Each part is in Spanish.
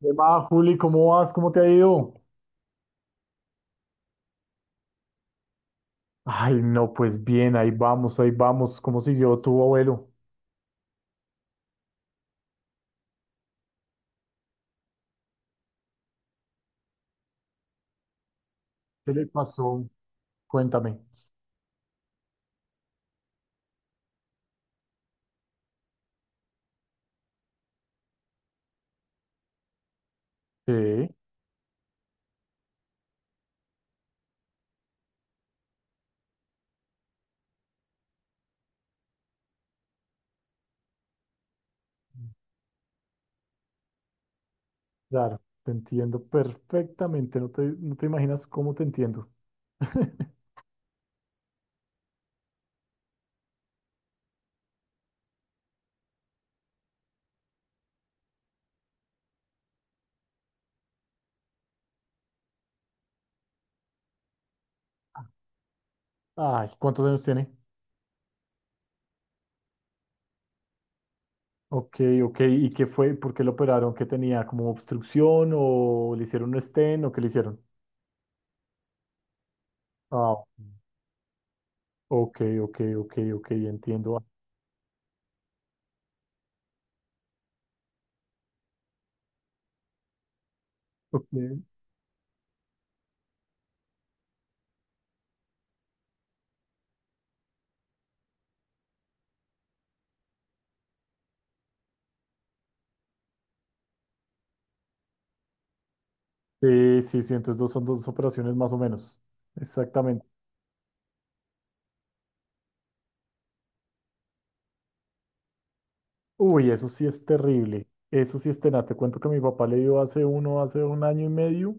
¿Qué más, Juli? ¿Cómo vas? ¿Cómo te ha ido? Ay, no, pues bien, ahí vamos, ahí vamos. ¿Cómo siguió tu abuelo? ¿Qué le pasó? Cuéntame. Sí, claro, te entiendo perfectamente. No te imaginas cómo te entiendo. Ay, ¿cuántos años tiene? Ok, ok. ¿Y qué fue? ¿Por qué lo operaron? ¿Qué tenía? ¿Como obstrucción o le hicieron un stent o qué le hicieron? Ah, ok, ok, ok, ok, entiendo. Ok. Sí, sí, sí, entonces son dos operaciones más o menos. Exactamente. Uy, eso sí es terrible. Eso sí es tenaz. Te cuento que mi papá le dio hace un año y medio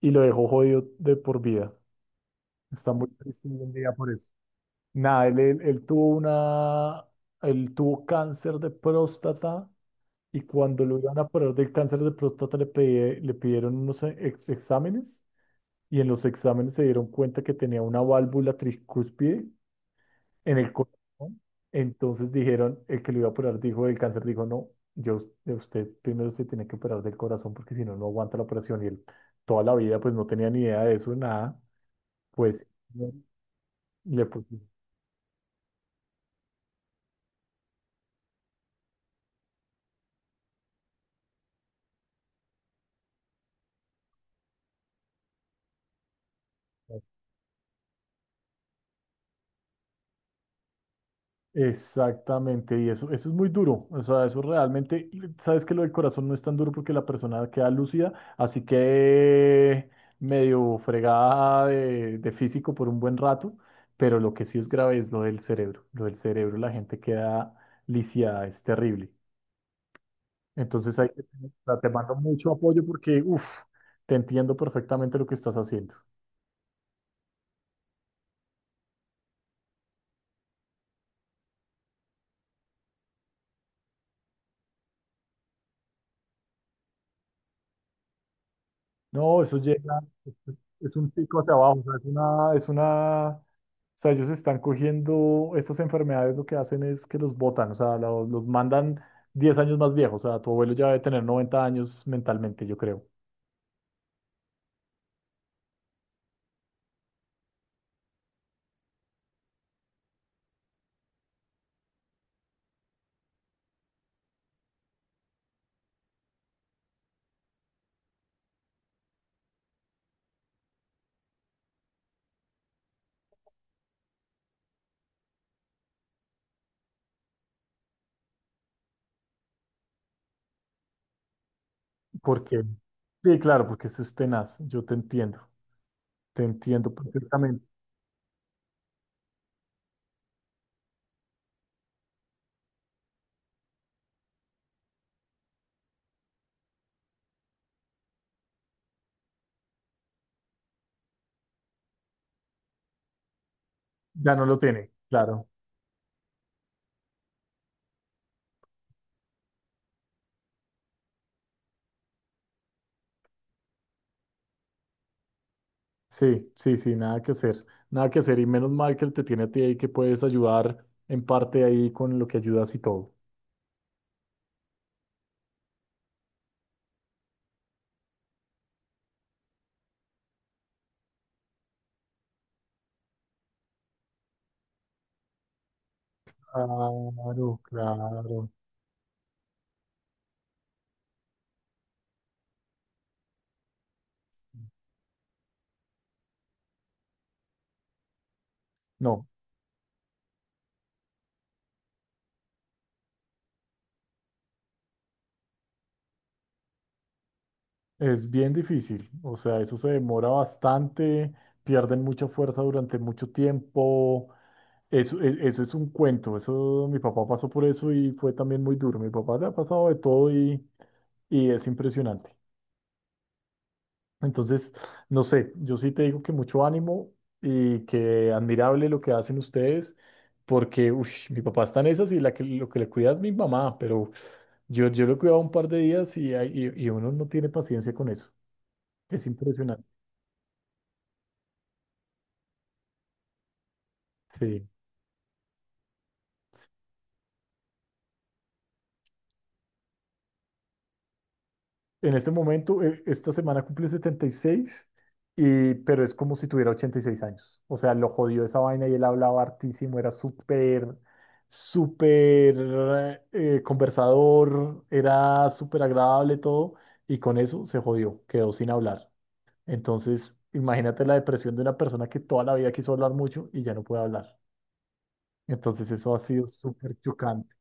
y lo dejó jodido de por vida. Está muy triste hoy en día por eso. Nada, él tuvo cáncer de próstata y cuando lo iban a operar del cáncer de próstata le pidieron unos exámenes y en los exámenes se dieron cuenta que tenía una válvula tricúspide en el corazón. Entonces dijeron, el que lo iba a operar dijo, el cáncer dijo, no, yo, de usted primero se tiene que operar del corazón porque si no, no aguanta la operación. Y él toda la vida pues no tenía ni idea de eso, nada. Pues le puso. Exactamente, y eso es muy duro, o sea, eso realmente, y sabes que lo del corazón no es tan duro porque la persona queda lúcida, así que medio fregada de físico por un buen rato, pero lo que sí es grave es lo del cerebro, la gente queda lisiada, es terrible. Entonces ahí te mando mucho apoyo porque, uff, te entiendo perfectamente lo que estás haciendo. No, eso llega, es un pico hacia abajo, o sea, es una, o sea, ellos están cogiendo estas enfermedades, lo que hacen es que los botan, o sea, los mandan 10 años más viejos, o sea, tu abuelo ya debe tener 90 años mentalmente, yo creo. Porque, sí, claro, porque eso es tenaz, yo te entiendo perfectamente. Ya no lo tiene, claro. Sí, sí, sí, nada que hacer, nada que hacer, y menos mal que él te tiene a ti ahí que puedes ayudar en parte ahí con lo que ayudas y todo. Claro, claro. No, es bien difícil, o sea, eso se demora bastante, pierden mucha fuerza durante mucho tiempo, eso es un cuento, eso mi papá pasó por eso y fue también muy duro, mi papá le ha pasado de todo y es impresionante. Entonces, no sé, yo sí te digo que mucho ánimo y que admirable lo que hacen ustedes, porque ush, mi papá está en esas y la que, lo que le cuida es mi mamá, pero yo lo he cuidado un par de días y, y uno no tiene paciencia con eso, es impresionante. Sí. En este momento, esta semana cumple setenta y seis y pero es como si tuviera 86 años. O sea, lo jodió esa vaina y él hablaba hartísimo, era súper, súper conversador, era súper agradable todo, y con eso se jodió, quedó sin hablar. Entonces, imagínate la depresión de una persona que toda la vida quiso hablar mucho y ya no puede hablar. Entonces, eso ha sido súper chocante.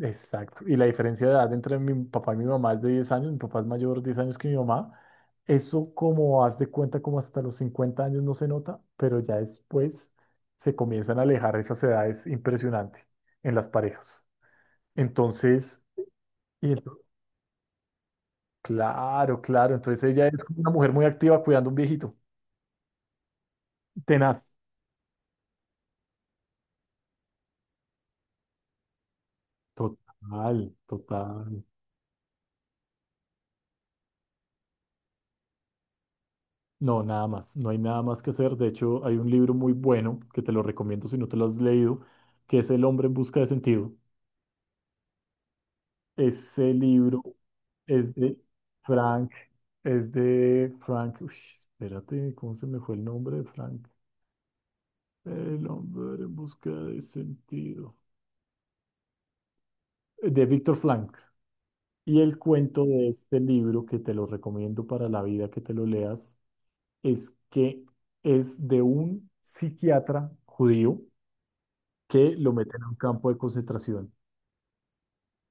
Exacto. Y la diferencia de edad entre mi papá y mi mamá es de 10 años. Mi papá es mayor 10 años que mi mamá. Eso como haz de cuenta, como hasta los 50 años no se nota, pero ya después se comienzan a alejar esas edades impresionante en las parejas. Entonces, y ento- claro, claro. Entonces ella es como una mujer muy activa cuidando a un viejito. Tenaz. Total, total. No, nada más, no hay nada más que hacer. De hecho, hay un libro muy bueno que te lo recomiendo si no te lo has leído, que es El hombre en busca de sentido. Ese libro es de Frank, es de Frank, uy, espérate, ¿cómo se me fue el nombre de Frank? El hombre en busca de sentido. De Víctor Frank. Y el cuento de este libro, que te lo recomiendo para la vida que te lo leas, es que es de un psiquiatra judío que lo meten a un campo de concentración.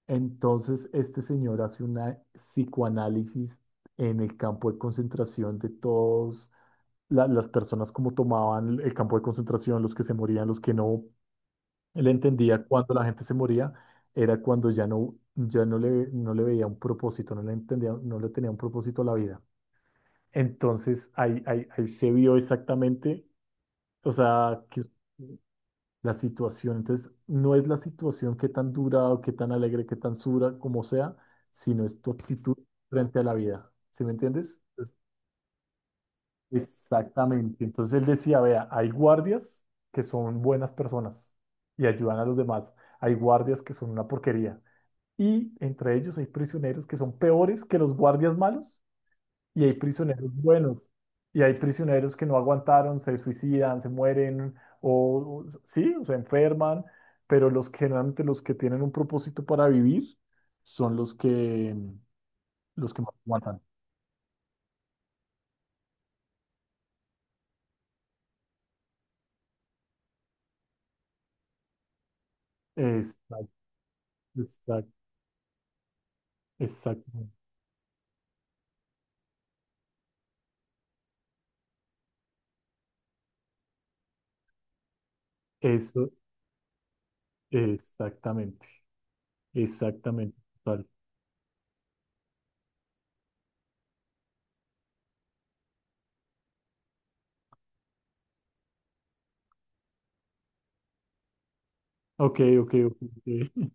Entonces, este señor hace una psicoanálisis en el campo de concentración de todos las personas como tomaban el campo de concentración, los que se morían, los que no. Él entendía cuando la gente se moría, era cuando ya no le, no le veía un propósito, no le entendía, no le tenía un propósito a la vida. Entonces, ahí se vio exactamente, o sea, que la situación. Entonces, no es la situación qué tan dura o qué tan alegre, qué tan sura, como sea, sino es tu actitud frente a la vida. ¿Sí me entiendes? Entonces, exactamente. Entonces él decía, vea, hay guardias que son buenas personas y ayudan a los demás. Hay guardias que son una porquería. Y entre ellos hay prisioneros que son peores que los guardias malos y hay prisioneros buenos, y hay prisioneros que no aguantaron, se suicidan, se mueren, sí, o se enferman, pero los que generalmente los que tienen un propósito para vivir son los que más aguantan. Exacto, exacto, exacto. Eso, exactamente, exactamente. Total. Ok, ok, ok. Ok.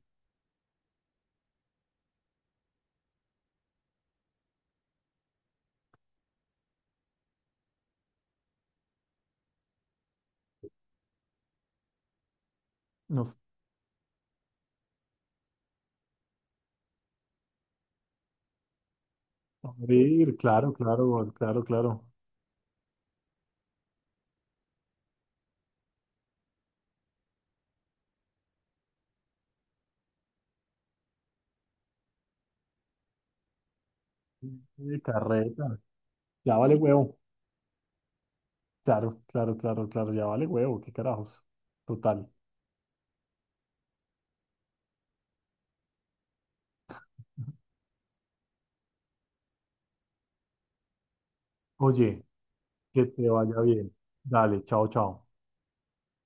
Nos, abrir claro, claro, claro, claro. Carreta, ya vale huevo. Claro, claro, claro, claro, ya vale huevo, qué carajos. Total. Oye, que te vaya bien. Dale, chao, chao.